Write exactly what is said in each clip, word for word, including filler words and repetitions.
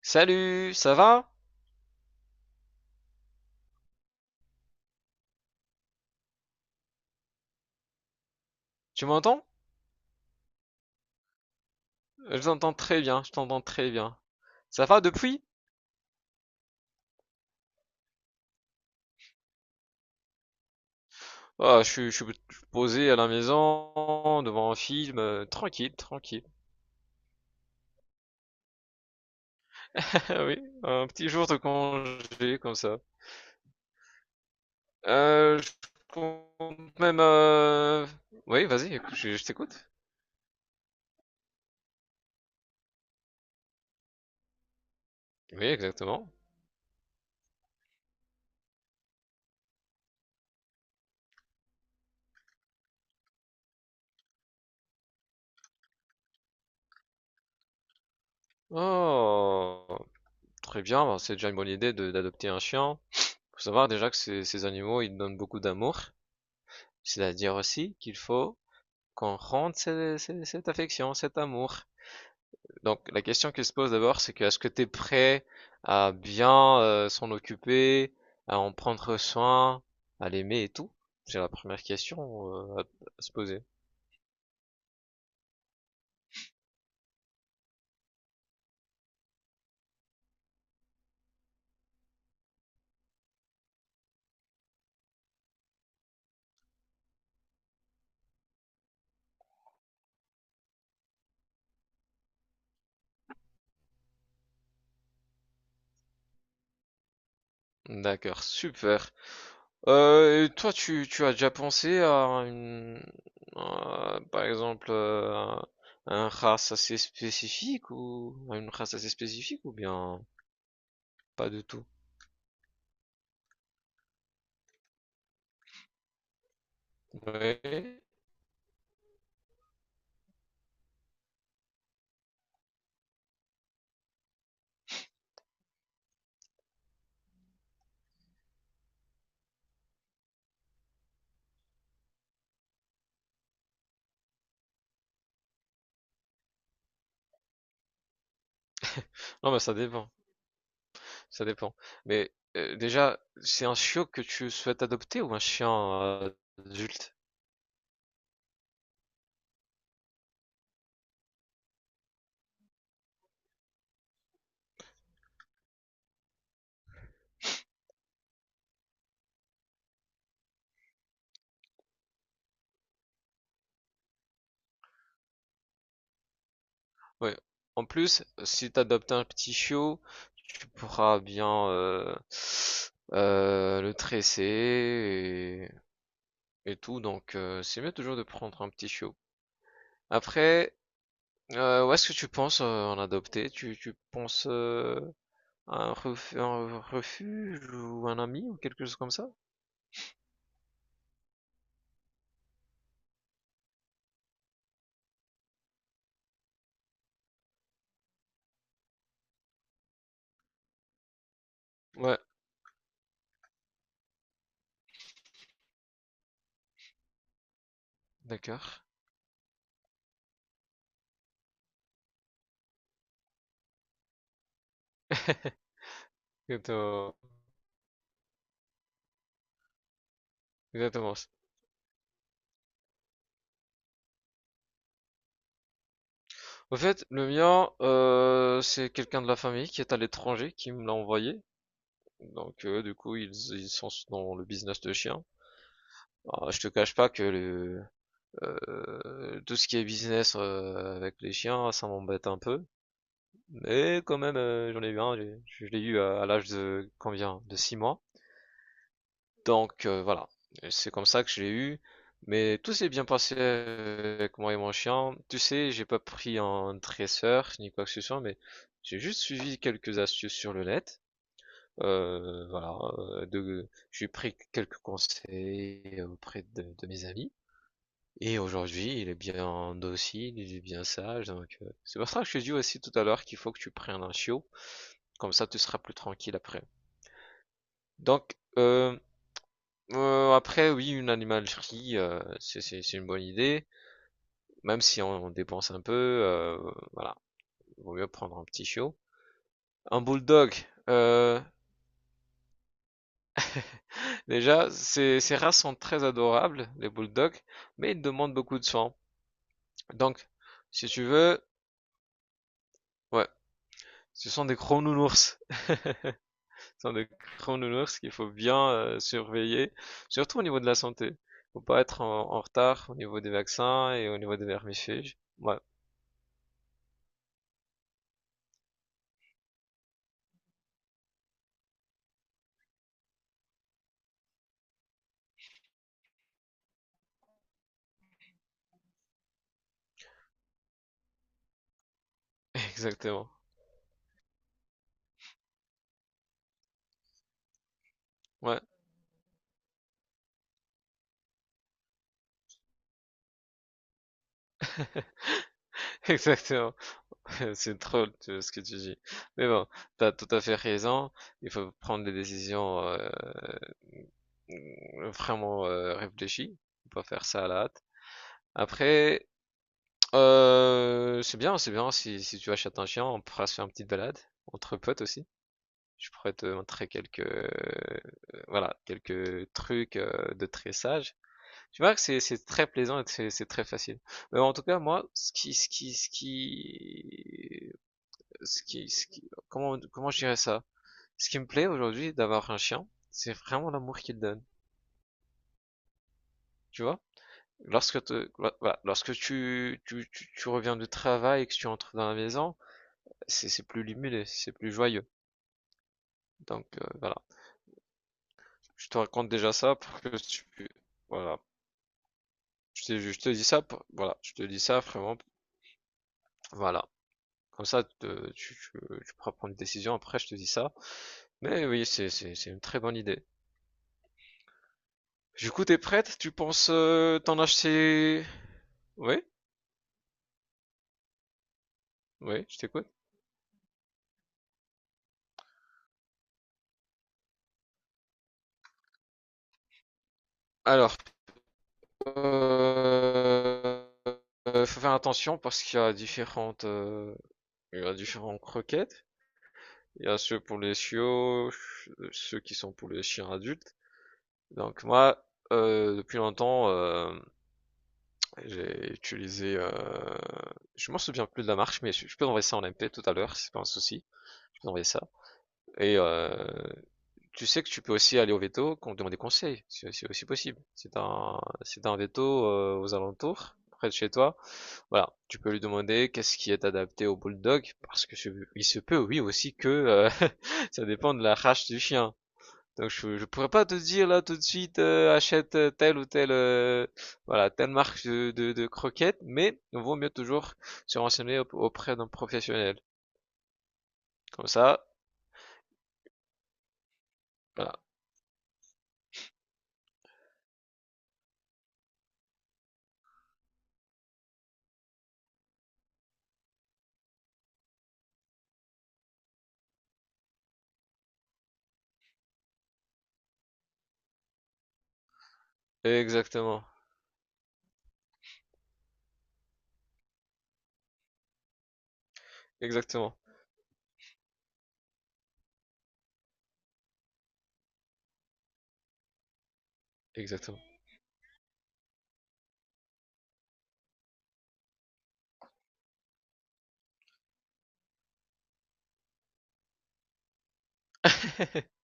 Salut, ça va? Tu m'entends? Je t'entends très bien, je t'entends très bien. Ça va depuis? Ah, je suis, je suis posé à la maison, devant un film, euh, tranquille, tranquille. Ah oui, un petit jour de congé comme ça. Euh, je compte même euh, oui, vas-y, écou- je, je t'écoute. Oui, exactement. Oh, très bien, bah, c'est déjà une bonne idée de- d'adopter un chien. Faut savoir déjà que ces, ces animaux, ils donnent beaucoup d'amour. C'est-à-dire aussi qu'il faut qu'on rende ce- ce- cette affection, cet amour. Donc la question qui se pose d'abord, c'est que est-ce que tu es prêt à bien euh, s'en occuper, à en prendre soin, à l'aimer et tout? C'est la première question euh, à, à se poser. D'accord, super. Euh, et toi, tu, tu as déjà pensé à une, à, par exemple, euh, à un race assez spécifique ou à une race assez spécifique ou bien pas du tout? Ouais. Non, mais ça dépend. Ça dépend. Mais euh, déjà, c'est un chiot que tu souhaites adopter ou un chien euh, adulte? Ouais. En plus, si tu adoptes un petit chiot, tu pourras bien euh, euh, le tresser et, et tout. Donc, euh, c'est mieux toujours de prendre un petit chiot. Après, euh, où est-ce que tu penses euh, en adopter? Tu, tu penses euh, à un, ref- un refuge ou un ami ou quelque chose comme ça? Ouais, d'accord. Exactement. Exactement. Au fait, le mien, euh, c'est quelqu'un de la famille qui est à l'étranger qui me l'a envoyé. Donc, euh, du coup, ils, ils sont dans le business de chiens. Alors, je te cache pas que le, euh, tout ce qui est business euh, avec les chiens, ça m'embête un peu. Mais quand même, euh, j'en ai eu un. j'ai- Je l'ai eu à, à l'âge de combien? De six mois. Donc euh, voilà, c'est comme ça que je l'ai eu. Mais tout s'est bien passé euh, avec moi et mon chien. Tu sais, j'ai pas pris un dresseur ni quoi que ce soit, mais j'ai juste suivi quelques astuces sur le net. Euh, voilà, euh, de, j'ai pris quelques conseils auprès de, de mes amis. Et aujourd'hui, il est bien docile, il est bien sage. Donc, euh, c'est pour ça que je te dis aussi tout à l'heure qu'il faut que tu prennes un chiot. Comme ça, tu seras plus tranquille après. Donc, euh, Heu, après oui, une animalerie, heu, c'est c'est c'est une bonne idée, même si on on dépense un peu, heu, voilà, il vaut mieux prendre un petit chiot. Un bulldog, heu, déjà ces ces races sont très adorables, les bulldogs, mais ils demandent beaucoup de soins. Donc si tu veux ouais, ce sont des gros nounours. Ce sont des gros nounours qu'il faut bien, heu, surveiller, surtout au niveau de la santé. Faut pas être en en retard au niveau des vaccins et au niveau des vermifuges. Ouais, exactement. Ouais. Exactement. C'est drôle tu- ce que tu dis. Mais bon, t'as tout à fait raison. Il faut prendre des décisions euh, vraiment euh, réfléchies. Faut pas faire ça à la hâte. Après, euh, c'est bien, c'est bien. Si, si tu achètes un chien, on pourra se faire une petite balade entre potes aussi. Je pourrais te montrer quelques, euh, voilà, quelques trucs euh, de tressage. Tu vois que c'est c'est très plaisant et c'est c'est très facile. Mais en tout cas, moi, ce qui, ce qui, ce qui, ce qui, ce qui- comment, comment je dirais ça? Ce qui me plaît aujourd'hui d'avoir un chien, c'est vraiment l'amour qu'il donne. Tu vois? Lorsque te- voilà, lorsque tu, tu, tu, tu reviens du travail et que tu entres dans la maison, c'est, c'est plus limulé, c'est plus joyeux. Donc, euh, voilà. Je te raconte déjà ça pour que tu, voilà. Je te, je te dis ça pour- voilà. Je te dis ça vraiment, voilà. Comme ça, te- tu, tu, tu pourras prendre une décision après, je te dis ça. Mais oui, c'est, c'est, c'est une très bonne idée. Du coup, t'es prête? Tu penses euh, t'en acheter. Ouais, ouais, je t'écoute. Alors, euh, euh, faut faire attention parce qu'il y a différentes, euh, il y a différentes croquettes. Il y a ceux pour les chiots, ch- ceux qui sont pour les chiens adultes. Donc moi, euh, depuis longtemps, euh, j'ai utilisé, euh, je m'en souviens plus de la marque, mais je, je peux envoyer ça en M P tout à l'heure, c'est pas un souci. Je peux envoyer ça. Et euh, tu sais que tu peux aussi aller au veto, qu'on te demande des conseils, c'est c'est aussi possible. Si t'as un, si t'as un veto euh, aux alentours, près de chez toi, voilà, tu peux lui demander qu'est-ce qui est adapté au bulldog, parce que ce- il se peut, oui aussi que euh, ça dépend de la race du chien. Donc je, je pourrais pas te dire là tout de suite euh, achète euh, telle ou telle euh, voilà telle marque de, de, de croquettes, mais il vaut mieux toujours se renseigner aup- auprès d'un professionnel. Comme ça, voilà, exactement, exactement, exactement.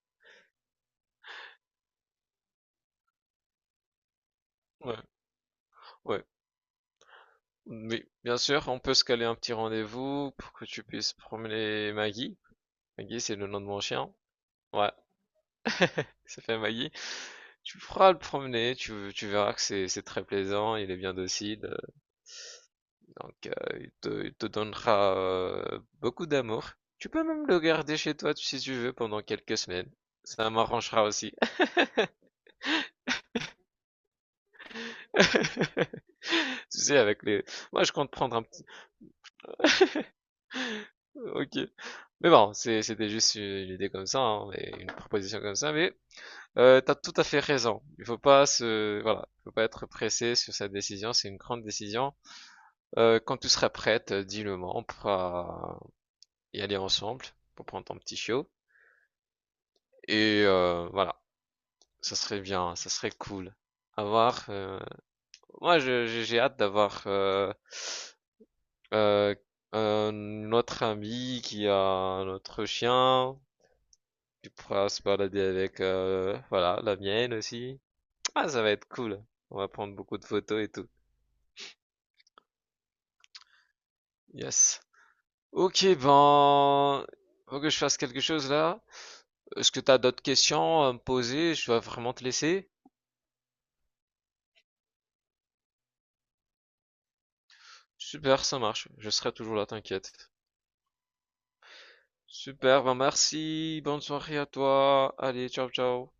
Ouais. Ouais. Mais bien sûr, on peut se caler un petit rendez-vous pour que tu puisses promener Maggie. Maggie, c'est le nom de mon chien. Ouais, ça fait Maggie. Tu feras le promener, tu, tu verras que c'est c'est très plaisant, il est bien docile, euh, donc euh, il te, il te donnera euh, beaucoup d'amour. Tu peux même le garder chez toi si tu veux pendant quelques semaines. Ça m'arrangera aussi. Tu sais, avec les. Moi, je compte prendre un petit. Ok. Mais bon, c'est- c'était juste une idée comme ça, hein, mais une proposition comme ça, mais Euh, t'as tout à fait raison. Il faut pas se, voilà, faut pas être pressé sur cette décision. C'est une grande décision. Euh, quand tu seras prête, euh, dis-le moi. On pourra y aller ensemble pour prendre ton petit chiot. Et euh, voilà, ça serait bien, ça serait cool. Avoir, euh, moi, je- j'ai j'ai hâte d'avoir euh, euh, euh, notre ami qui a notre chien. Tu pourras se balader avec, euh, voilà, la mienne aussi. Ah, ça va être cool. On va prendre beaucoup de photos et tout. Yes. Ok, ben, faut que je fasse quelque chose là. Est-ce que t'as d'autres questions à me poser? Je dois vraiment te laisser. Super, ça marche. Je serai toujours là, t'inquiète. Super, ben merci. Bonne soirée à toi. Allez, ciao, ciao.